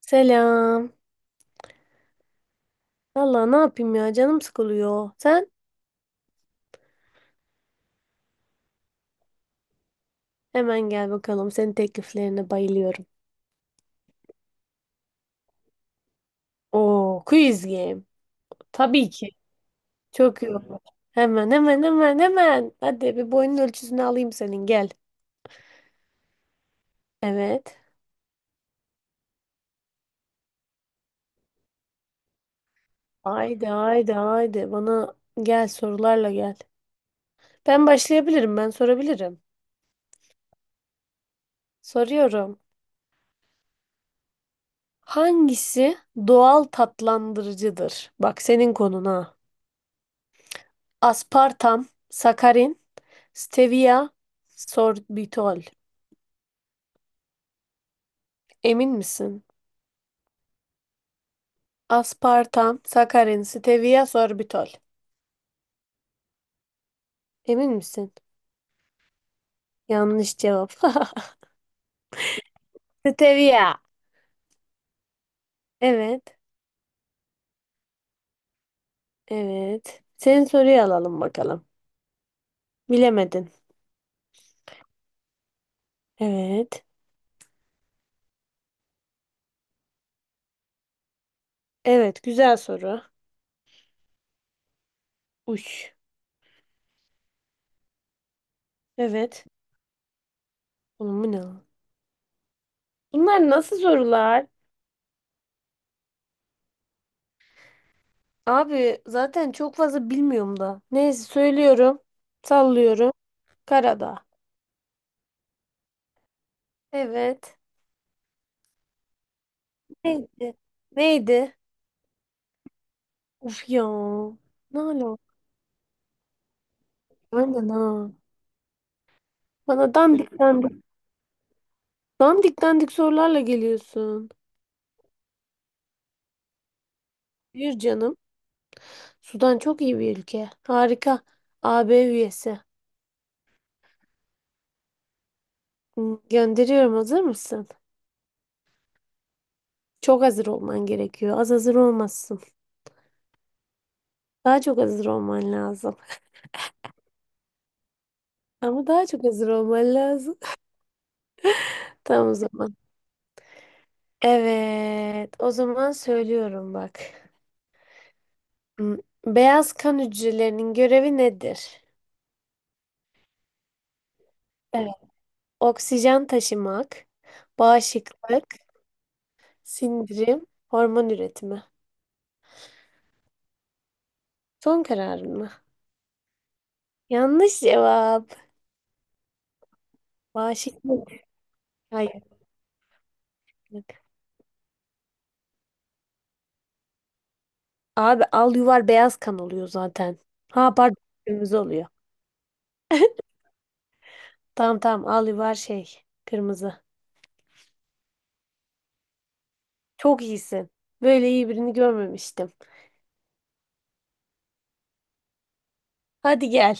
Selam. Valla ne yapayım ya canım sıkılıyor. Sen hemen gel bakalım. Senin tekliflerine bayılıyorum. Oo, quiz game. Tabii ki. Çok iyi olur. Hemen hemen hemen hemen. Hadi bir boyun ölçüsünü alayım senin gel. Evet. Haydi haydi haydi. Bana gel sorularla gel. Ben başlayabilirim ben sorabilirim. Soruyorum. Hangisi doğal tatlandırıcıdır? Bak senin konuna. Aspartam, sakarin, stevia sorbitol. Emin misin? Aspartam, sakarin, stevia sorbitol. Emin misin? Yanlış cevap. Stevia. Evet. Evet. Senin soruyu alalım bakalım. Bilemedin. Evet. Evet, güzel soru. Uş. Evet. Oğlum bu ne lan? Bunlar nasıl sorular? Abi zaten çok fazla bilmiyorum da. Neyse söylüyorum. Sallıyorum. Karadağ. Evet. Neydi? Neydi? Of ya. Ne alaka? Aynen ha. Bana dandik dandik. Dandik dandik sorularla geliyorsun. Yürü canım. Sudan çok iyi bir ülke. Harika. AB üyesi. Hı, gönderiyorum. Hazır mısın? Çok hazır olman gerekiyor. Az hazır olmazsın. Daha çok hazır olman lazım. Ama daha çok hazır olman lazım. Tamam o zaman. Evet. O zaman söylüyorum bak. Hı, beyaz kan hücrelerinin görevi nedir? Ee, Oksijen taşımak, bağışıklık, sindirim, hormon üretimi. Son kararın mı? Yanlış cevap. Bağışıklık. Hayır. Abi al yuvar beyaz kan oluyor zaten. Ha pardon, kırmızı oluyor. Tamam tamam, al yuvar şey, kırmızı. Çok iyisin. Böyle iyi birini görmemiştim. Hadi gel.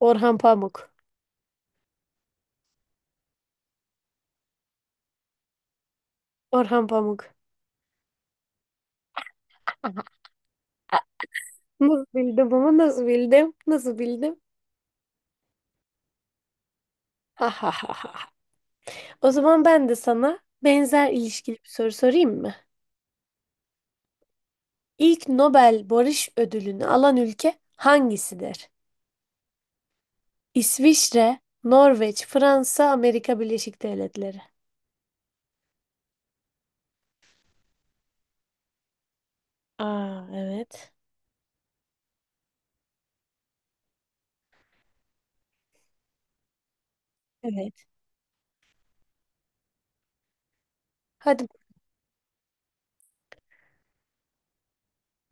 Orhan Pamuk. Orhan Pamuk. Ah, nasıl bildim ama nasıl bildim? Nasıl bildim? Ha ha ha ha. O zaman ben de sana benzer ilişkili bir soru sorayım mı? İlk Nobel Barış Ödülünü alan ülke hangisidir? İsviçre, Norveç, Fransa, Amerika Birleşik Devletleri. Aa evet. Evet. Hadi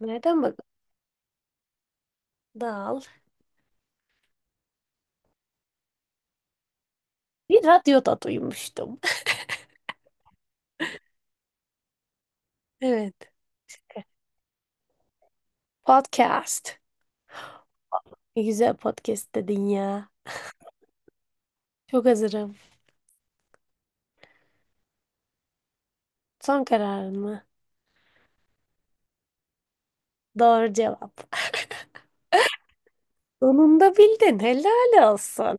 nereden bak? Dal. Bir radyoda duymuştum. Evet. Podcast. Ne güzel podcast dedin ya. Çok hazırım. Son kararın mı? Doğru cevap. Sonunda bildin. Helal olsun.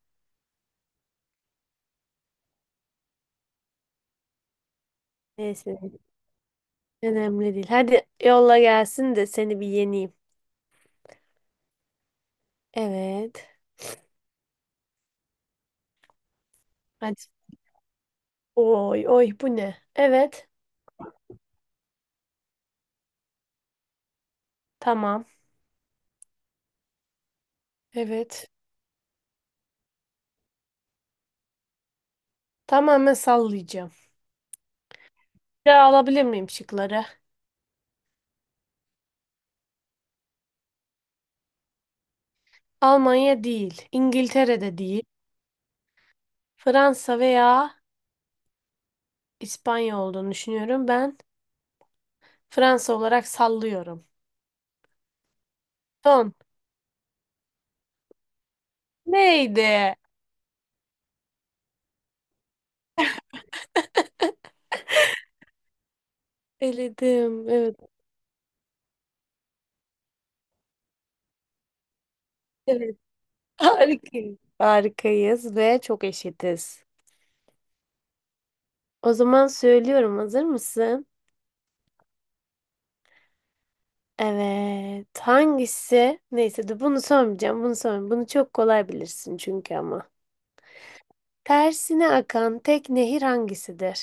Neyse. Önemli değil. Hadi yolla gelsin de seni bir yeneyim. Evet. Hadi. Oy oy bu ne? Evet. Tamam. Evet. Tamamen sallayacağım. Bir daha alabilir miyim şıkları? Almanya değil. İngiltere'de değil. Fransa veya İspanya olduğunu düşünüyorum. Ben Fransa olarak sallıyorum. Son. Neydi? Eledim. Evet. Evet. Harikayız. Harikayız ve çok eşitiz. O zaman söylüyorum. Hazır mısın? Evet. Hangisi? Neyse de bunu sormayacağım. Bunu sormayacağım. Bunu çok kolay bilirsin çünkü ama. Tersine akan tek nehir hangisidir?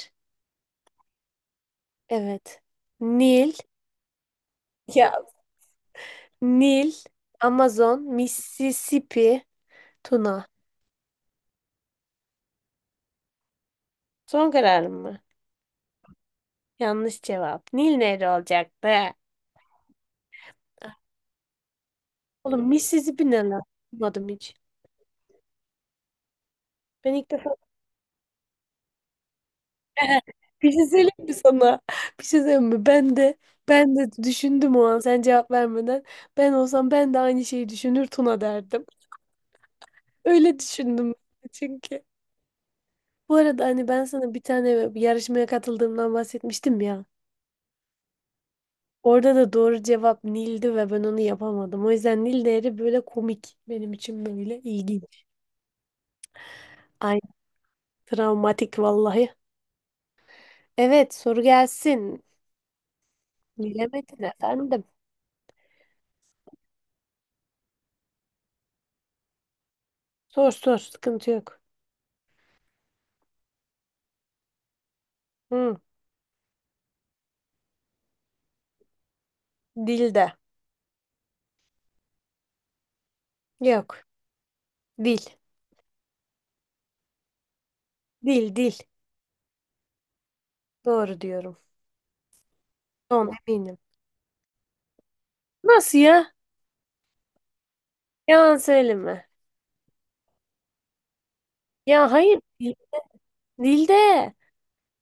Evet. Nil, ya Nil, Amazon, Mississippi, Tuna. Son kararım mı? Yanlış cevap. Nil nehri olacaktı. Oğlum Mississippi ne lan? Bilmadım hiç. Ben ilk defa bir şey söyleyeyim mi sana? Bir şey söyleyeyim mi? Ben de düşündüm o an sen cevap vermeden. Ben olsam ben de aynı şeyi düşünür Tuna derdim. Öyle düşündüm çünkü. Bu arada hani ben sana bir tane bir yarışmaya katıldığımdan bahsetmiştim ya. Orada da doğru cevap Nil'di ve ben onu yapamadım. O yüzden Nil değeri böyle komik. Benim için böyle ilginç. Ay travmatik vallahi. Evet soru gelsin. Bilemedin efendim. Sor sor sıkıntı yok. Hı, dilde. Yok. Dil. Dil dil. Doğru diyorum. Son eminim. Nasıl ya? Yalan söyleme. Ya hayır. Dilde.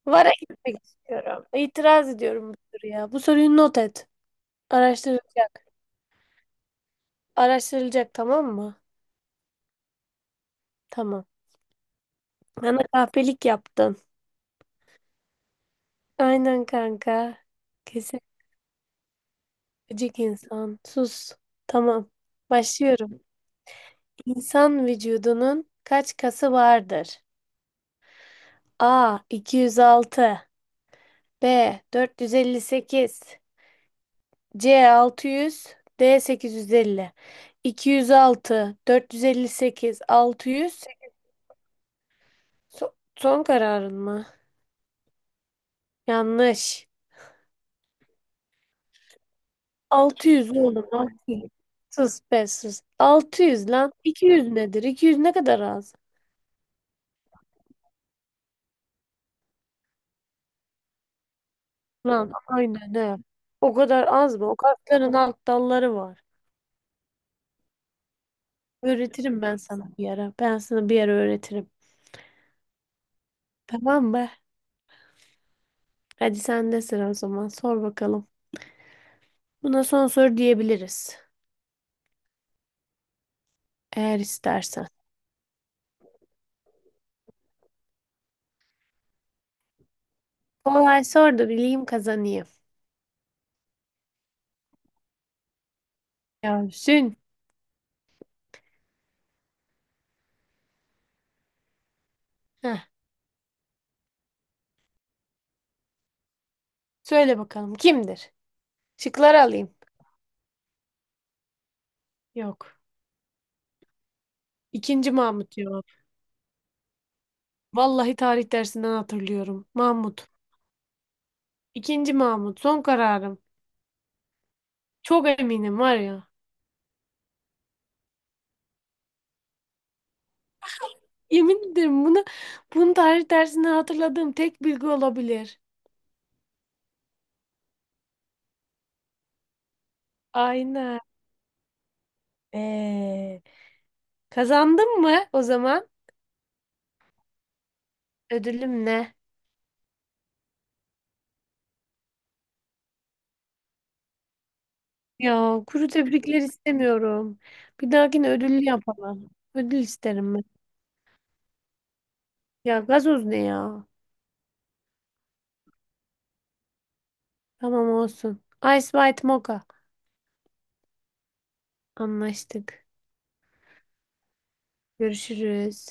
Vara gitmek istiyorum. İtiraz ediyorum bu soruya. Bu soruyu not et. Araştırılacak. Araştırılacak tamam mı? Tamam. Bana kahpelik yaptın. Aynen kanka. Kesin gıcık insan. Sus. Tamam. Başlıyorum. İnsan vücudunun kaç kası vardır? A 206, B 458, C 600, D 850. 206, 458, 600. Son kararın mı? Yanlış. 600 oğlum. 600. Sus be sus. 600 lan. 200 nedir? 200 ne kadar az? Lan aynen ne? O kadar az mı? O kasların alt dalları var. Öğretirim ben sana bir ara. Ben sana bir ara öğretirim. Tamam mı? Hadi sen de sıra o zaman. Sor bakalım. Buna son soru diyebiliriz. Eğer istersen. Kolay sor da bileyim kazanayım. Yasin. Heh. Söyle bakalım kimdir? Şıkları alayım. Yok. İkinci Mahmut cevap. Vallahi tarih dersinden hatırlıyorum. Mahmut. İkinci Mahmut. Son kararım. Çok eminim var ya. Yemin ederim bunu, bunu tarih dersinden hatırladığım tek bilgi olabilir. Aynen. Ee, Kazandın mı o zaman? Ödülüm ne? Ya kuru tebrikler istemiyorum. Bir dahakine ödüllü yapalım. Ödül isterim ben. Ya gazoz ne ya? Tamam olsun. Ice White Mocha. Anlaştık. Görüşürüz.